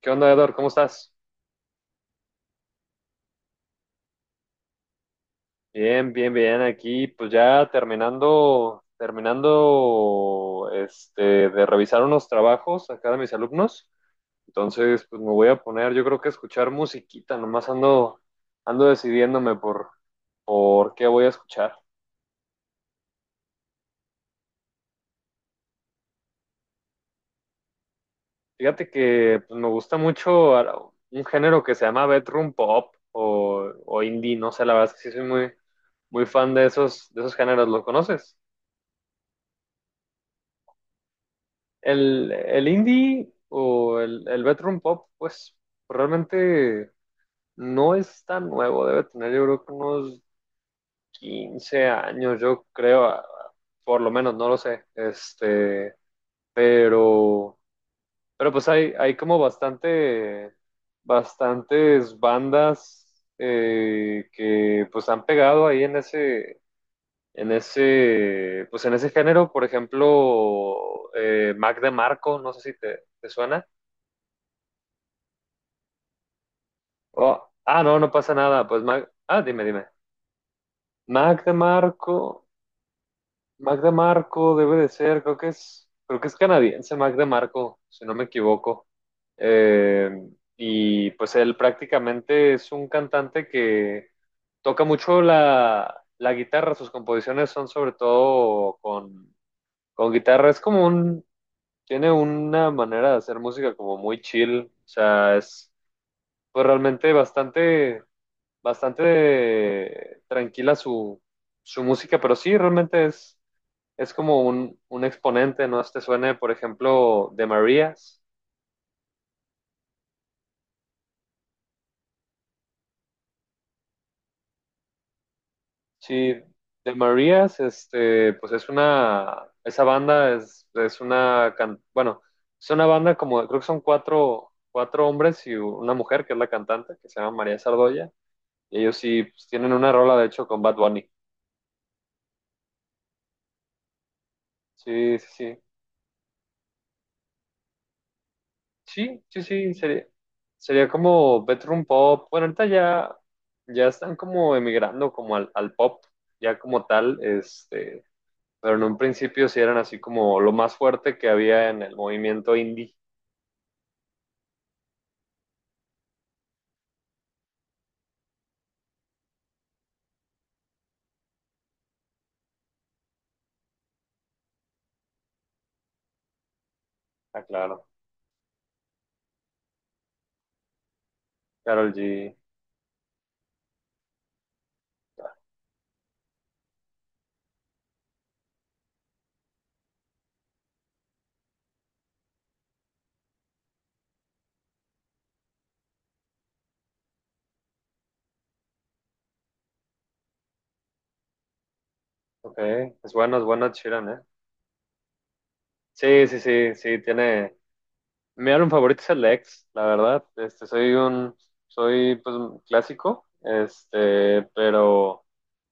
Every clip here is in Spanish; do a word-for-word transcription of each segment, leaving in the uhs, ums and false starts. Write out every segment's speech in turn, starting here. ¿Qué onda, Edor? ¿Cómo estás? Bien, bien, bien. Aquí, pues ya terminando, terminando, este, de revisar unos trabajos acá de mis alumnos. Entonces, pues me voy a poner, yo creo que a escuchar musiquita. Nomás ando, ando decidiéndome por, por qué voy a escuchar. Fíjate que pues, me gusta mucho a- un género que se llama bedroom pop o, o indie. No sé, la verdad es que sí soy muy, muy fan de esos, de esos géneros. ¿Lo conoces? El, el indie o el, el bedroom pop, pues realmente no es tan nuevo, debe tener yo creo que unos quince años, yo creo, a- a- por lo menos, no lo sé. Este, pero, pero pues hay, hay como bastante, bastantes bandas eh, que pues han pegado ahí en ese, en ese, pues en ese género, por ejemplo, eh, Mac DeMarco, no sé si te te suena. Oh, ah, no, no pasa nada. Pues Mag- ah, dime, dime. Mac Marco, Mac Marco debe de ser, creo que es, creo que es canadiense Mac Marco, si no me equivoco. Eh, y pues él prácticamente es un cantante que toca mucho la, la guitarra, sus composiciones son sobre todo con, con guitarra, es como un, tiene una manera de hacer música como muy chill, o sea, es pues realmente bastante bastante tranquila su, su música, pero sí, realmente es, es como un, un exponente, ¿no? Este suene, por ejemplo, de Marías. Sí, de Marías, este, pues es una, esa banda es, es una, can- bueno, es una banda como, creo que son cuatro, cuatro hombres y una mujer, que es la cantante, que se llama María Sardoya, y ellos sí, pues, tienen una rola, de hecho, con Bad Bunny. Sí, sí, sí. Sí, sí, sí, sería, sería como bedroom pop. Bueno, ahorita ya, ya están como emigrando como al, al pop, ya como tal, este, pero en un principio sí eran así como lo más fuerte que había en el movimiento indie. Ah, claro. Karol G. Ok, es bueno, es bueno Chiran, ¿eh? Sí, sí, sí, sí, tiene... Mi álbum favorito es el ex, la verdad. Este, soy un, soy pues un clásico, este, pero...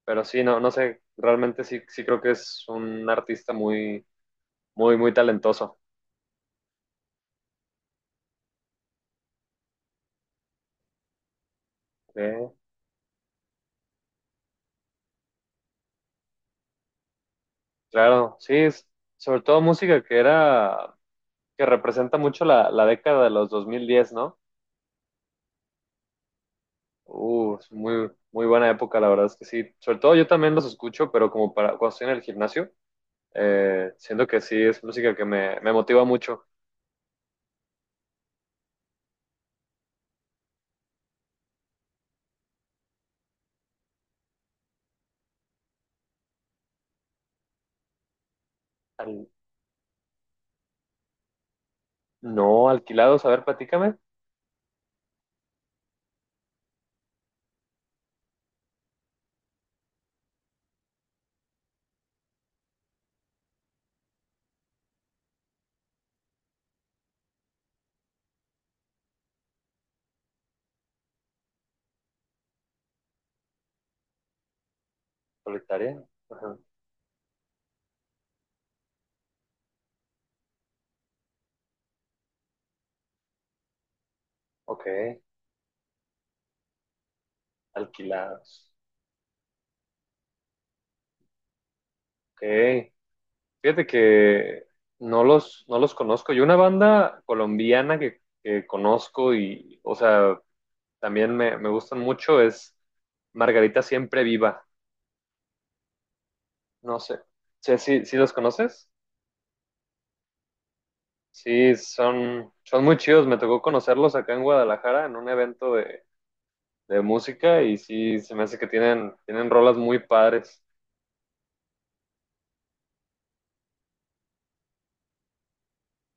Pero sí, no, no sé, realmente sí, sí creo que es un artista muy, muy, muy talentoso. Sí, claro, sí, es- sobre todo música que era, que representa mucho la, la década de los dos mil diez, ¿no? Uh, es muy, muy buena época, la verdad es que sí. Sobre todo yo también los escucho, pero como para cuando estoy en el gimnasio, eh, siento que sí, es música que me, me motiva mucho. Al- no, alquilados, a ver, platícame. Solitaria. Ajá. Ok, alquilados. Ok. Fíjate que no los, no los conozco. Yo una banda colombiana que, que conozco y, o sea, también me, me gustan mucho es Margarita Siempre Viva. No sé. Sí, sí, sí los conoces. Sí, son, son muy chidos. Me tocó conocerlos acá en Guadalajara en un evento de, de música y sí, se me hace que tienen, tienen rolas muy padres.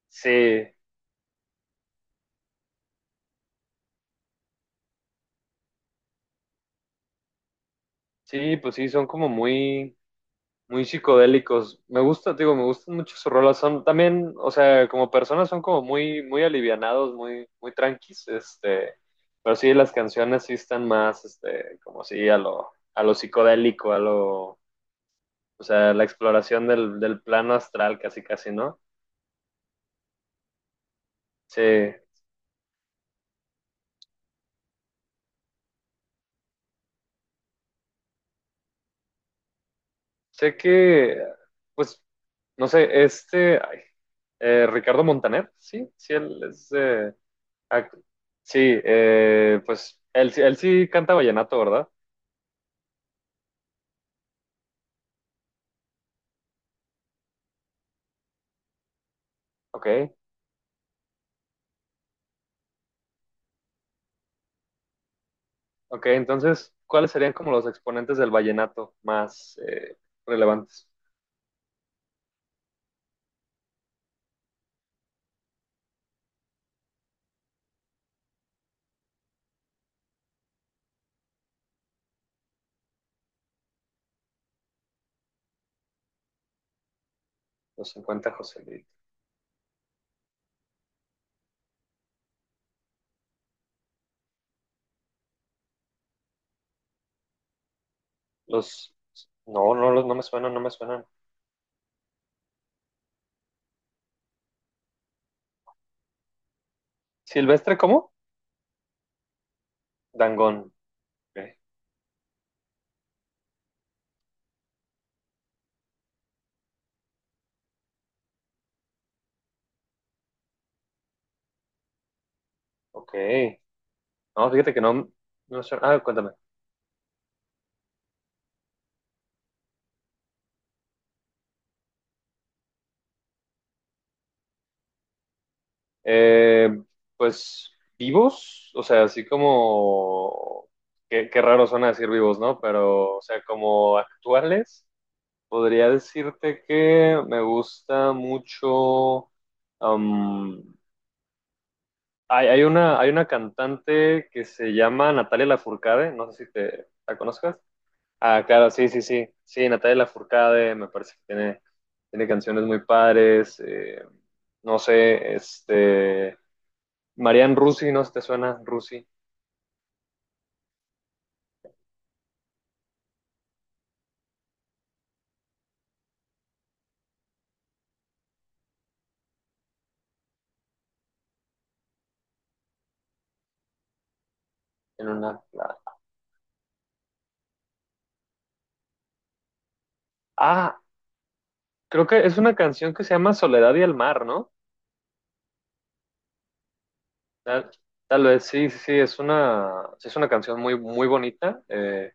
Sí, sí, pues sí, son como muy muy psicodélicos. Me gusta, te digo, me gustan mucho sus rolas. Son también, o sea, como personas son como muy, muy alivianados, muy, muy tranquis, este, pero sí las canciones sí están más, este, como sí a lo, a lo psicodélico, a lo, o sea, la exploración del, del plano astral, casi, casi, ¿no? Sí, sé que, pues, no sé, este, ay, eh, Ricardo Montaner, sí, sí, él es, eh, ac- sí, eh, pues, él, sí- él sí canta vallenato, ¿verdad? Ok, ok. Entonces, ¿cuáles serían como los exponentes del vallenato más eh, relevantes? Los cincuenta José Luis. Los... No, no, los- no me suenan, no me suenan. ¿Silvestre cómo? Dangond. Ok. Ok. No, fíjate que no, no suena. Ah, cuéntame. Eh, pues, vivos, o sea, así como... Qué, qué raro suena decir vivos, ¿no? Pero, o sea, como actuales. Podría decirte que me gusta mucho. am, hay, hay una, hay una cantante que se llama Natalia Lafourcade, no sé si te la conozcas. Ah, claro, sí, sí, sí. Sí, Natalia Lafourcade, me parece que tiene, tiene canciones muy padres. eh, no sé, este. Marianne Rusi, no sé si te suena Rusi en una. Ah, creo que es una canción que se llama Soledad y el Mar, ¿no? Tal, tal vez, sí, sí, sí, es una, sí es una canción muy, muy bonita, eh,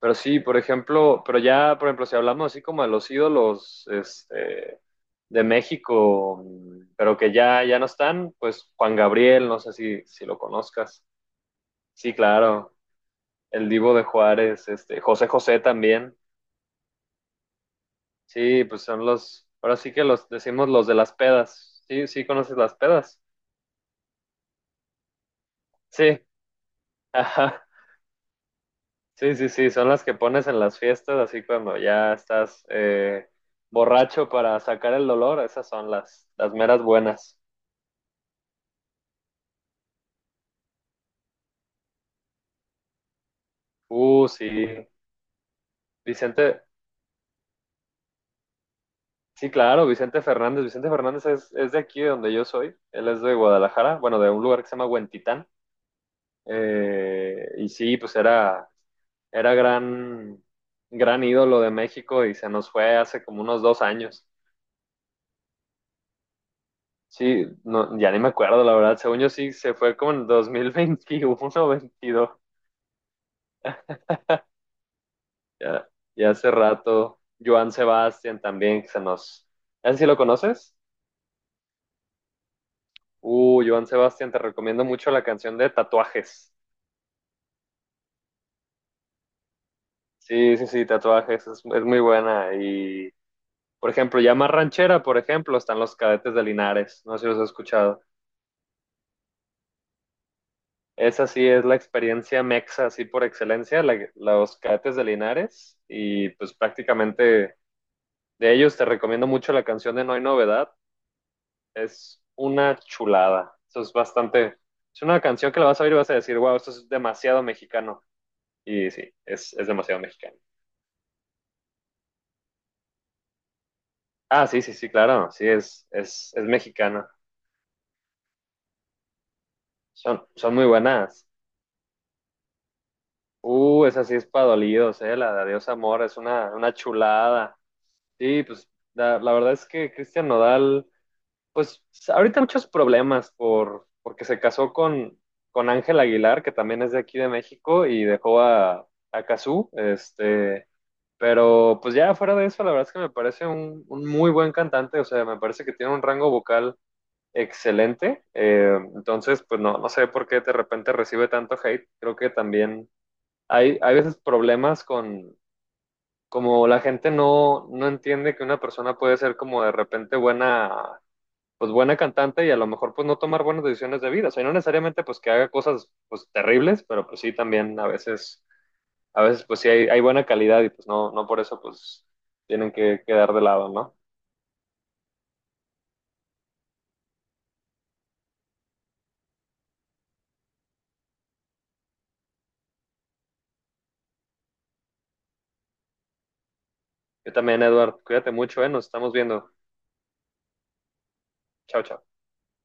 pero sí, por ejemplo, pero ya, por ejemplo, si hablamos así como de los ídolos este, de México, mm, pero que ya, ya no están, pues Juan Gabriel, no sé si, si lo conozcas. Sí, claro, el Divo de Juárez, este, José José también. Sí, pues son los, ahora sí que los decimos los de las pedas. Sí, sí, conoces las pedas. Sí, Sí, sí, sí, son las que pones en las fiestas, así cuando ya estás eh, borracho para sacar el dolor, esas son las, las meras buenas. Uh, sí, Vicente, sí, claro, Vicente Fernández. Vicente Fernández es, es de aquí, de donde yo soy, él es de Guadalajara, bueno, de un lugar que se llama Huentitán, Eh, y sí, pues era, era gran, gran ídolo de México y se nos fue hace como unos dos años. Sí, no, ya ni me acuerdo, la verdad. Según yo sí, se fue como en dos mil veintiuno o veintidós. Ya, ya hace rato. Joan Sebastián también, que se nos... ¿Ese sí lo conoces? Uh, Joan Sebastián, te recomiendo mucho la canción de Tatuajes. Sí, sí, sí, Tatuajes, es, es muy buena. Y, por ejemplo, ya más ranchera, por ejemplo, están Los Cadetes de Linares. No sé si los has escuchado. Esa sí es la experiencia mexa, así por excelencia, la- los Cadetes de Linares. Y pues prácticamente de ellos te recomiendo mucho la canción de No hay novedad. Es una chulada. Eso es bastante. Es una canción que la vas a oír y vas a decir, wow, esto es demasiado mexicano. Y sí, es, es demasiado mexicano. Ah, sí, sí, sí, claro. Sí, es, es, es mexicana. Son, son muy buenas. Uh, esa sí es para dolidos, eh. La de Adiós Amor es una, una chulada. Sí, pues la, la verdad es que Cristian Nodal pues ahorita muchos problemas por, porque se casó con, con Ángel Aguilar, que también es de aquí de México, y dejó a, a Cazú, este, pero pues ya fuera de eso, la verdad es que me parece un, un, muy buen cantante, o sea, me parece que tiene un rango vocal excelente, eh, entonces pues no, no sé por qué de repente recibe tanto hate, creo que también hay, hay veces problemas con, como la gente no, no entiende que una persona puede ser como de repente buena pues buena cantante y a lo mejor pues no tomar buenas decisiones de vida. O sea, no necesariamente pues que haga cosas pues terribles, pero pues sí también a veces, a veces pues sí hay, hay buena calidad y pues no, no por eso pues tienen que quedar de lado, ¿no? Yo también, Eduardo, cuídate mucho, ¿eh? Nos estamos viendo. Chao, chao.